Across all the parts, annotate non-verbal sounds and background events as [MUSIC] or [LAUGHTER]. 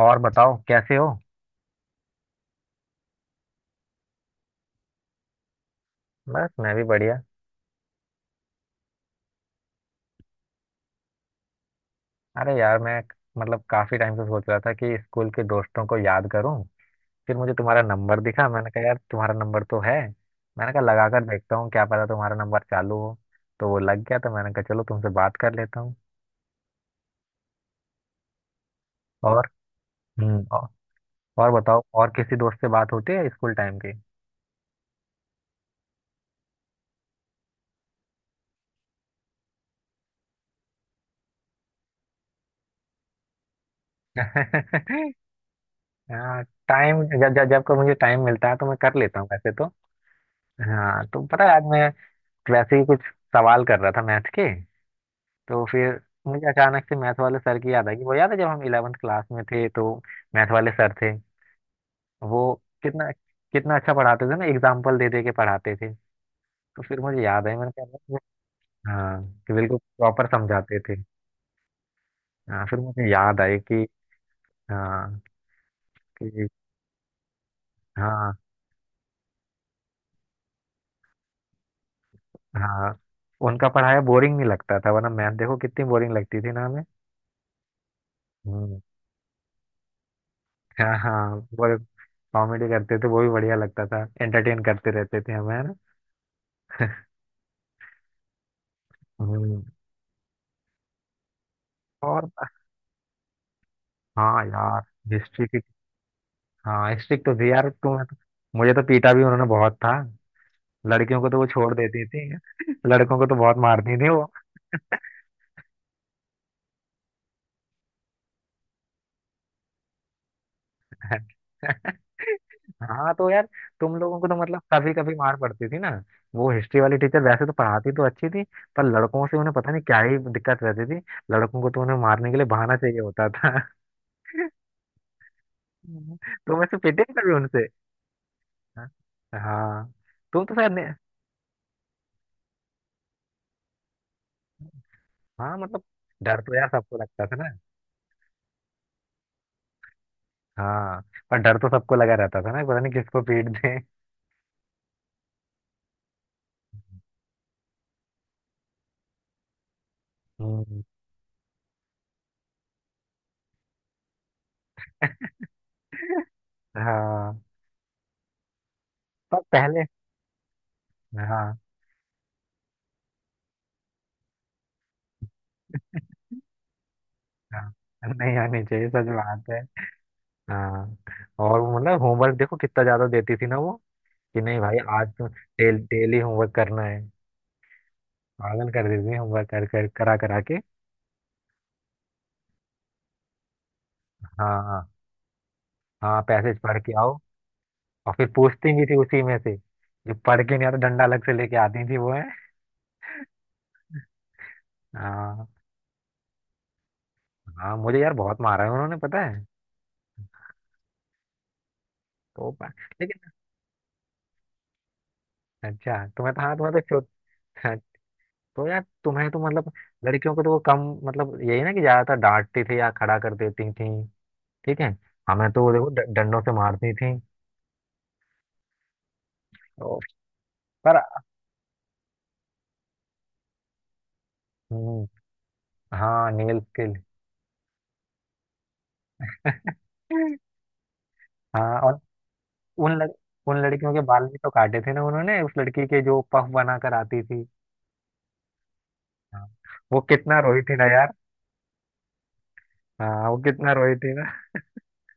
और बताओ, कैसे हो? बस, मैं भी बढ़िया। अरे यार, मैं मतलब काफी टाइम से सोच रहा था कि स्कूल के दोस्तों को याद करूं। फिर मुझे तुम्हारा नंबर दिखा, मैंने कहा यार, तुम्हारा नंबर तो है। मैंने कहा लगा कर देखता हूँ, क्या पता तुम्हारा नंबर चालू हो। तो वो लग गया, तो मैंने कहा चलो तुमसे बात कर लेता हूँ। और हम्म और, और बताओ, और किसी दोस्त से बात होती है स्कूल टाइम की? [LAUGHS] हाँ, टाइम जब जब जब को मुझे टाइम मिलता है तो मैं कर लेता हूँ वैसे तो। हाँ, तो पता है आज मैं वैसे ही कुछ सवाल कर रहा था मैथ के, तो फिर मुझे अचानक से मैथ वाले सर की याद आई। वो याद है जब हम 11वीं क्लास में थे तो मैथ वाले सर थे वो, कितना कितना अच्छा पढ़ाते थे ना, एग्जाम्पल दे दे के पढ़ाते थे। तो फिर मुझे याद आई, मैंने कहा "अरे हाँ, कि बिल्कुल प्रॉपर समझाते थे। हाँ, फिर मुझे याद आई कि, हाँ कि, हाँ हाँ उनका पढ़ाया बोरिंग नहीं लगता था, वरना मैथ देखो कितनी बोरिंग लगती थी ना हमें। हम्म। हाँ हाँ, वो कॉमेडी करते थे, वो भी बढ़िया लगता था, एंटरटेन करते रहते थे हमें, है ना? हम्म। और। हाँ यार, हिस्ट्री की। हाँ, हिस्ट्री तो थी यार, तुम्हें तो, मुझे तो पीटा भी उन्होंने बहुत था। लड़कियों को तो वो छोड़ देती थी। [LAUGHS] लड़कों को तो बहुत मारती थी वो। [LAUGHS] हाँ, तो यार, तुम लोगों को तो मतलब कभी कभी मार पड़ती थी ना। वो हिस्ट्री वाली टीचर वैसे तो पढ़ाती तो अच्छी थी, पर लड़कों से उन्हें पता नहीं क्या ही दिक्कत रहती थी, लड़कों को तो उन्हें मारने के लिए बहाना चाहिए होता था। [LAUGHS] तुम ऐसे पिटे भी कभी उनसे? हाँ, हाँ, तुम तो शायद नहीं-। हाँ, मतलब डर तो यार सबको लगता था ना। हाँ, पर डर तो सबको लगा रहता था ना, पता नहीं किसको पीट दे। हम्म। [LAUGHS] हाँ, पर पहले, हाँ, हाँ, नहीं आनी चाहिए, सच बात है। हाँ, और वो मतलब होमवर्क देखो कितना ज्यादा देती थी ना वो, कि नहीं भाई, आज तो डेली होमवर्क करना है। पागल कर देती थी होमवर्क कर कर करा करा के। हाँ, हाँ, पैसेज पढ़ के आओ। और फिर पूछती भी थी उसी में से, जो पढ़ के नहीं आता, डंडा अलग से लेके आती थी वो, है। हाँ। हाँ, मुझे यार बहुत मारा है उन्होंने, पता है। लेकिन अच्छा, तुम्हें तो, हाँ, तुम्हें तो हाँ, तो यार, तुम्हें तो मतलब लड़कियों को तो वो कम, मतलब यही ना कि ज्यादातर डांटती थी या खड़ा कर देती थी, ठीक है। हमें तो वो देखो डंडों से मारती थी। ओ, पर। हम्म। हाँ, नेल के लिए। हाँ, और उन लड़, उन लड़कियों के बाल भी तो काटे थे ना उन्होंने, उस लड़की के जो पफ बना कर आती थी। हाँ, वो कितना रोई थी ना यार। हाँ, वो कितना रोई थी ना।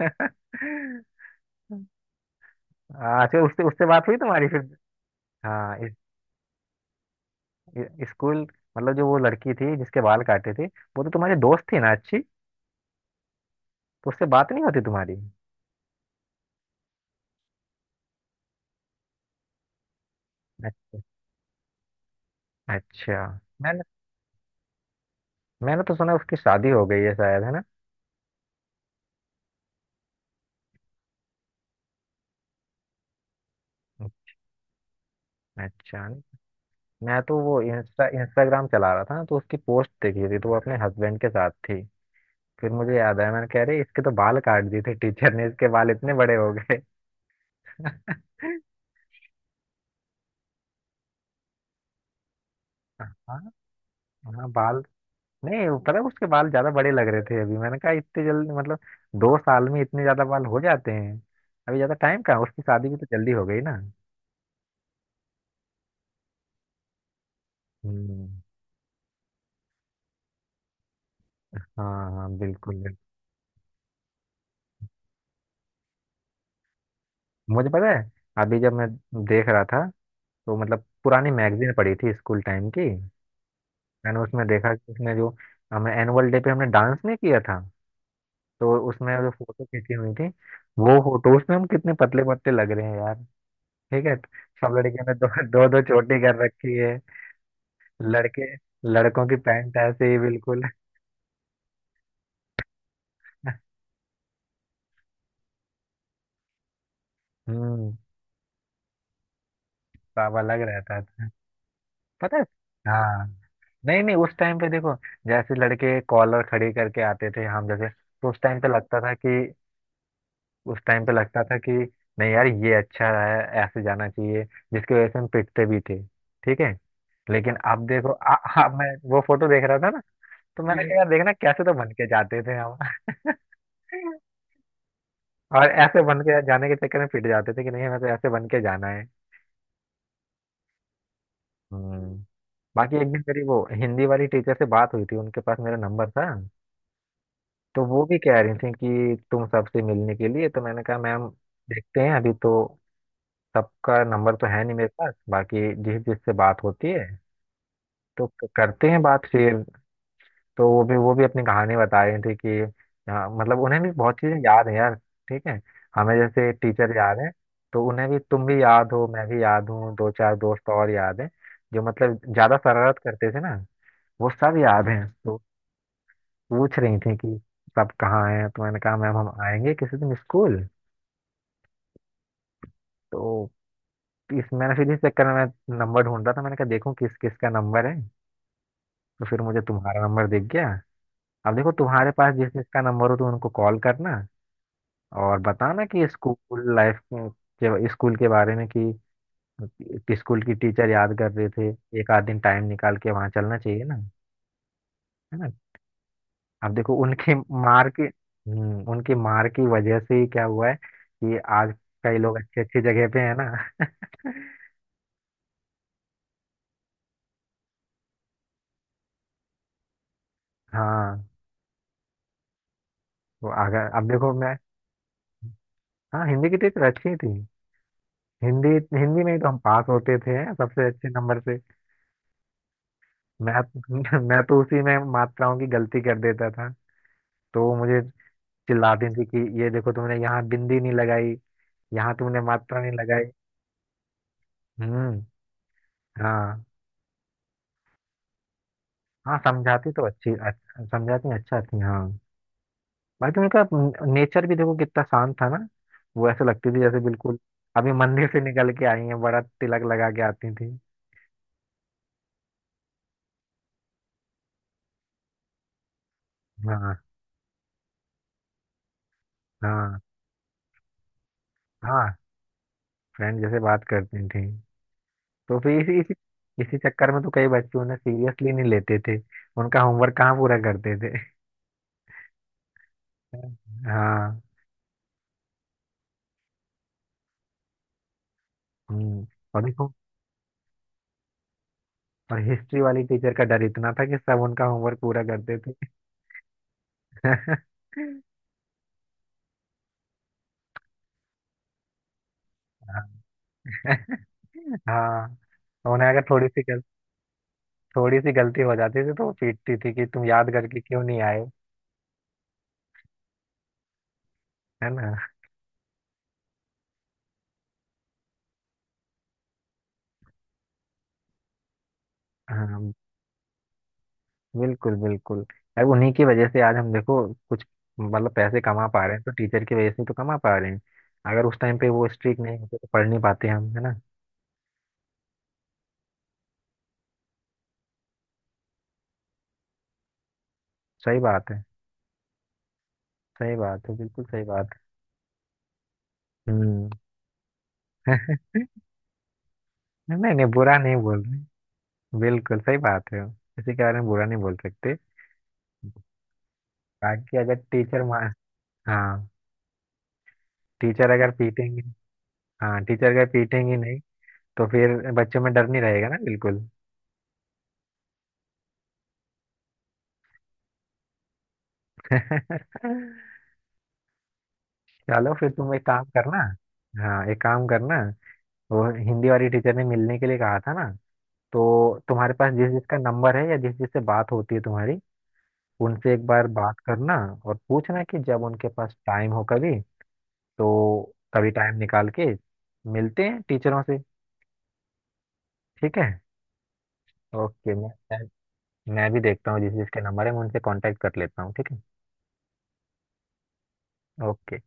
[LAUGHS] हाँ, अच्छा, उससे उससे बात हुई तुम्हारी फिर? हाँ, स्कूल मतलब जो वो लड़की थी जिसके बाल काटे थे वो तो तुम्हारी दोस्त थी ना अच्छी, तो उससे बात नहीं होती तुम्हारी? अच्छा। अच्छा, मैंने मैंने तो सुना उसकी शादी हो गई है शायद, है ना? अच्छा, मैं तो वो इंस्टाग्राम चला रहा था तो उसकी पोस्ट देखी थी, तो वो अपने हस्बैंड के साथ थी। फिर मुझे याद आया, मैंने कह रही इसके तो बाल काट दिए थे टीचर ने, इसके बाल इतने बड़े हो गए। [LAUGHS] हाँ। हाँ, बाल, नहीं, वो पता है उसके बाल ज्यादा बड़े लग रहे थे अभी, मैंने कहा इतने जल्दी मतलब 2 साल में इतने ज्यादा बाल हो जाते हैं? अभी ज्यादा टाइम कहाँ, उसकी शादी भी तो जल्दी हो गई ना। हम्म। हाँ, हाँ, बिल्कुल बिल्कुल। मुझे पता है, अभी जब मैं देख रहा था, तो मतलब पुरानी मैगजीन पड़ी थी स्कूल टाइम की, मैंने उसमें देखा कि उसमें जो, हमें एनुअल डे पे हमने डांस नहीं किया था, तो उसमें जो फोटो खींची हुई थी, वो फोटोज में हम कितने पतले पतले लग रहे हैं यार, ठीक है। सब लड़कियों ने दो दो दो चोटी कर रखी है, लड़के लड़कों की पैंट ऐसे ही बिल्कुल। [LAUGHS] हम्म। सब अलग रहता था, पता है? हाँ, नहीं नहीं, उस टाइम पे देखो, जैसे लड़के कॉलर खड़ी करके आते थे हम, जैसे तो उस टाइम पे लगता था कि, उस टाइम पे लगता था कि नहीं यार, ये अच्छा है, ऐसे जाना चाहिए, जिसकी वजह से हम पिटते भी थे, ठीक है। लेकिन अब देखो आ, आ, मैं वो फोटो देख रहा था ना, तो मैंने कहा यार, देखना कैसे तो बन के जाते थे हम। [LAUGHS] और ऐसे बन के जाने के चक्कर में पिट जाते थे कि नहीं, हमें तो ऐसे बन के जाना है। हम्म। बाकी एक दिन मेरी वो हिंदी वाली टीचर से बात हुई थी, उनके पास मेरा नंबर था, तो वो भी कह रही थी कि तुम सबसे मिलने के लिए, तो मैंने कहा मैम देखते हैं, अभी तो सबका नंबर तो है नहीं मेरे पास, बाकी जिस जिससे बात होती है तो करते हैं बात फिर। तो वो भी अपनी कहानी बता रही थी कि, हाँ, मतलब उन्हें भी बहुत चीजें याद है यार, ठीक है, हमें जैसे टीचर याद है तो उन्हें भी तुम भी याद हो, मैं भी याद हूँ, दो चार दोस्त और याद हैं जो मतलब ज्यादा शरारत करते थे ना, वो सब याद हैं तो। पूछ रही थी कि सब कहाँ हैं, तो मैंने कहा मैम हम आएंगे किसी दिन स्कूल, तो इस मैंने फिर इस चक्कर में मैं नंबर ढूंढ रहा था, मैंने कहा देखूं किस किस का नंबर है, तो फिर मुझे तुम्हारा नंबर दिख गया। अब देखो तुम्हारे पास जिस जिसका नंबर हो तो उनको कॉल करना और बताना कि स्कूल लाइफ के, स्कूल के बारे में, कि स्कूल की टीचर याद कर रहे थे, एक आध दिन टाइम निकाल के वहां चलना चाहिए ना, है ना? अब देखो उनकी मार के उनकी मार की वजह से ही क्या हुआ है कि आज कई लोग अच्छी अच्छी जगह पे है ना। [LAUGHS] हाँ, तो अगर, अब देखो मैं। हाँ, हिंदी की टीचर अच्छी थी। हिंदी, हिंदी में ही तो हम पास होते थे सबसे अच्छे नंबर से। मैं [LAUGHS] मैं तो उसी में मात्राओं की गलती कर देता था, तो वो मुझे चिल्लाती थी कि ये देखो तुमने यहाँ बिंदी नहीं लगाई, यहाँ तुमने मात्रा नहीं लगाई। हम्म। हाँ। हाँ, समझाती तो अच्छी अच्छा, समझाती अच्छा थी, हाँ। बाकी उनका नेचर भी देखो कितना शांत था ना, वो ऐसे लगती थी जैसे बिल्कुल अभी मंदिर से निकल के आई हैं, बड़ा तिलक लगा के आती थी। हाँ, हाँ, हाँ, फ्रेंड जैसे बात करती थी, तो फिर इसी इसी इसी चक्कर में तो कई बच्चे उन्हें सीरियसली नहीं लेते थे, उनका होमवर्क कहाँ पूरा करते थे। हाँ। हम्म। और देखो, और हिस्ट्री वाली टीचर का डर इतना था कि सब उनका होमवर्क पूरा करते थे। [LAUGHS] हाँ, उन्हें अगर थोड़ी सी गलती हो जाती थी तो वो पीटती थी कि तुम याद करके क्यों नहीं आए, है ना? हाँ, बिल्कुल बिल्कुल। अब उन्हीं की वजह से आज हम देखो कुछ मतलब पैसे कमा पा रहे हैं, तो टीचर की वजह से तो कमा पा रहे हैं। अगर उस टाइम पे वो स्ट्रिक्ट नहीं होते तो पढ़ नहीं पाते हम, है ना? सही बात है, सही बात है, बिल्कुल सही बात है। हम्म। [LAUGHS] नहीं नहीं, बुरा नहीं बोल रहे, बिल्कुल सही बात है, किसी के बारे में बुरा नहीं बोल सकते। बाकी अगर टीचर मा हाँ टीचर अगर पीटेंगे हाँ टीचर अगर पीटेंगे नहीं तो फिर बच्चों में डर नहीं रहेगा ना, बिल्कुल। [LAUGHS] चलो, फिर तुम एक काम करना, हाँ, एक काम करना, वो हिंदी वाली टीचर ने मिलने के लिए कहा था ना, तो तुम्हारे पास जिस जिसका नंबर है या जिस जिससे बात होती है तुम्हारी, उनसे एक बार बात करना और पूछना कि जब उनके पास टाइम हो कभी, तो कभी टाइम निकाल के मिलते हैं टीचरों से, ठीक है। ओके, मैं मैं भी देखता हूँ जिस जिसके नंबर है, मैं उनसे कांटेक्ट कर लेता हूँ, ठीक है। ओके।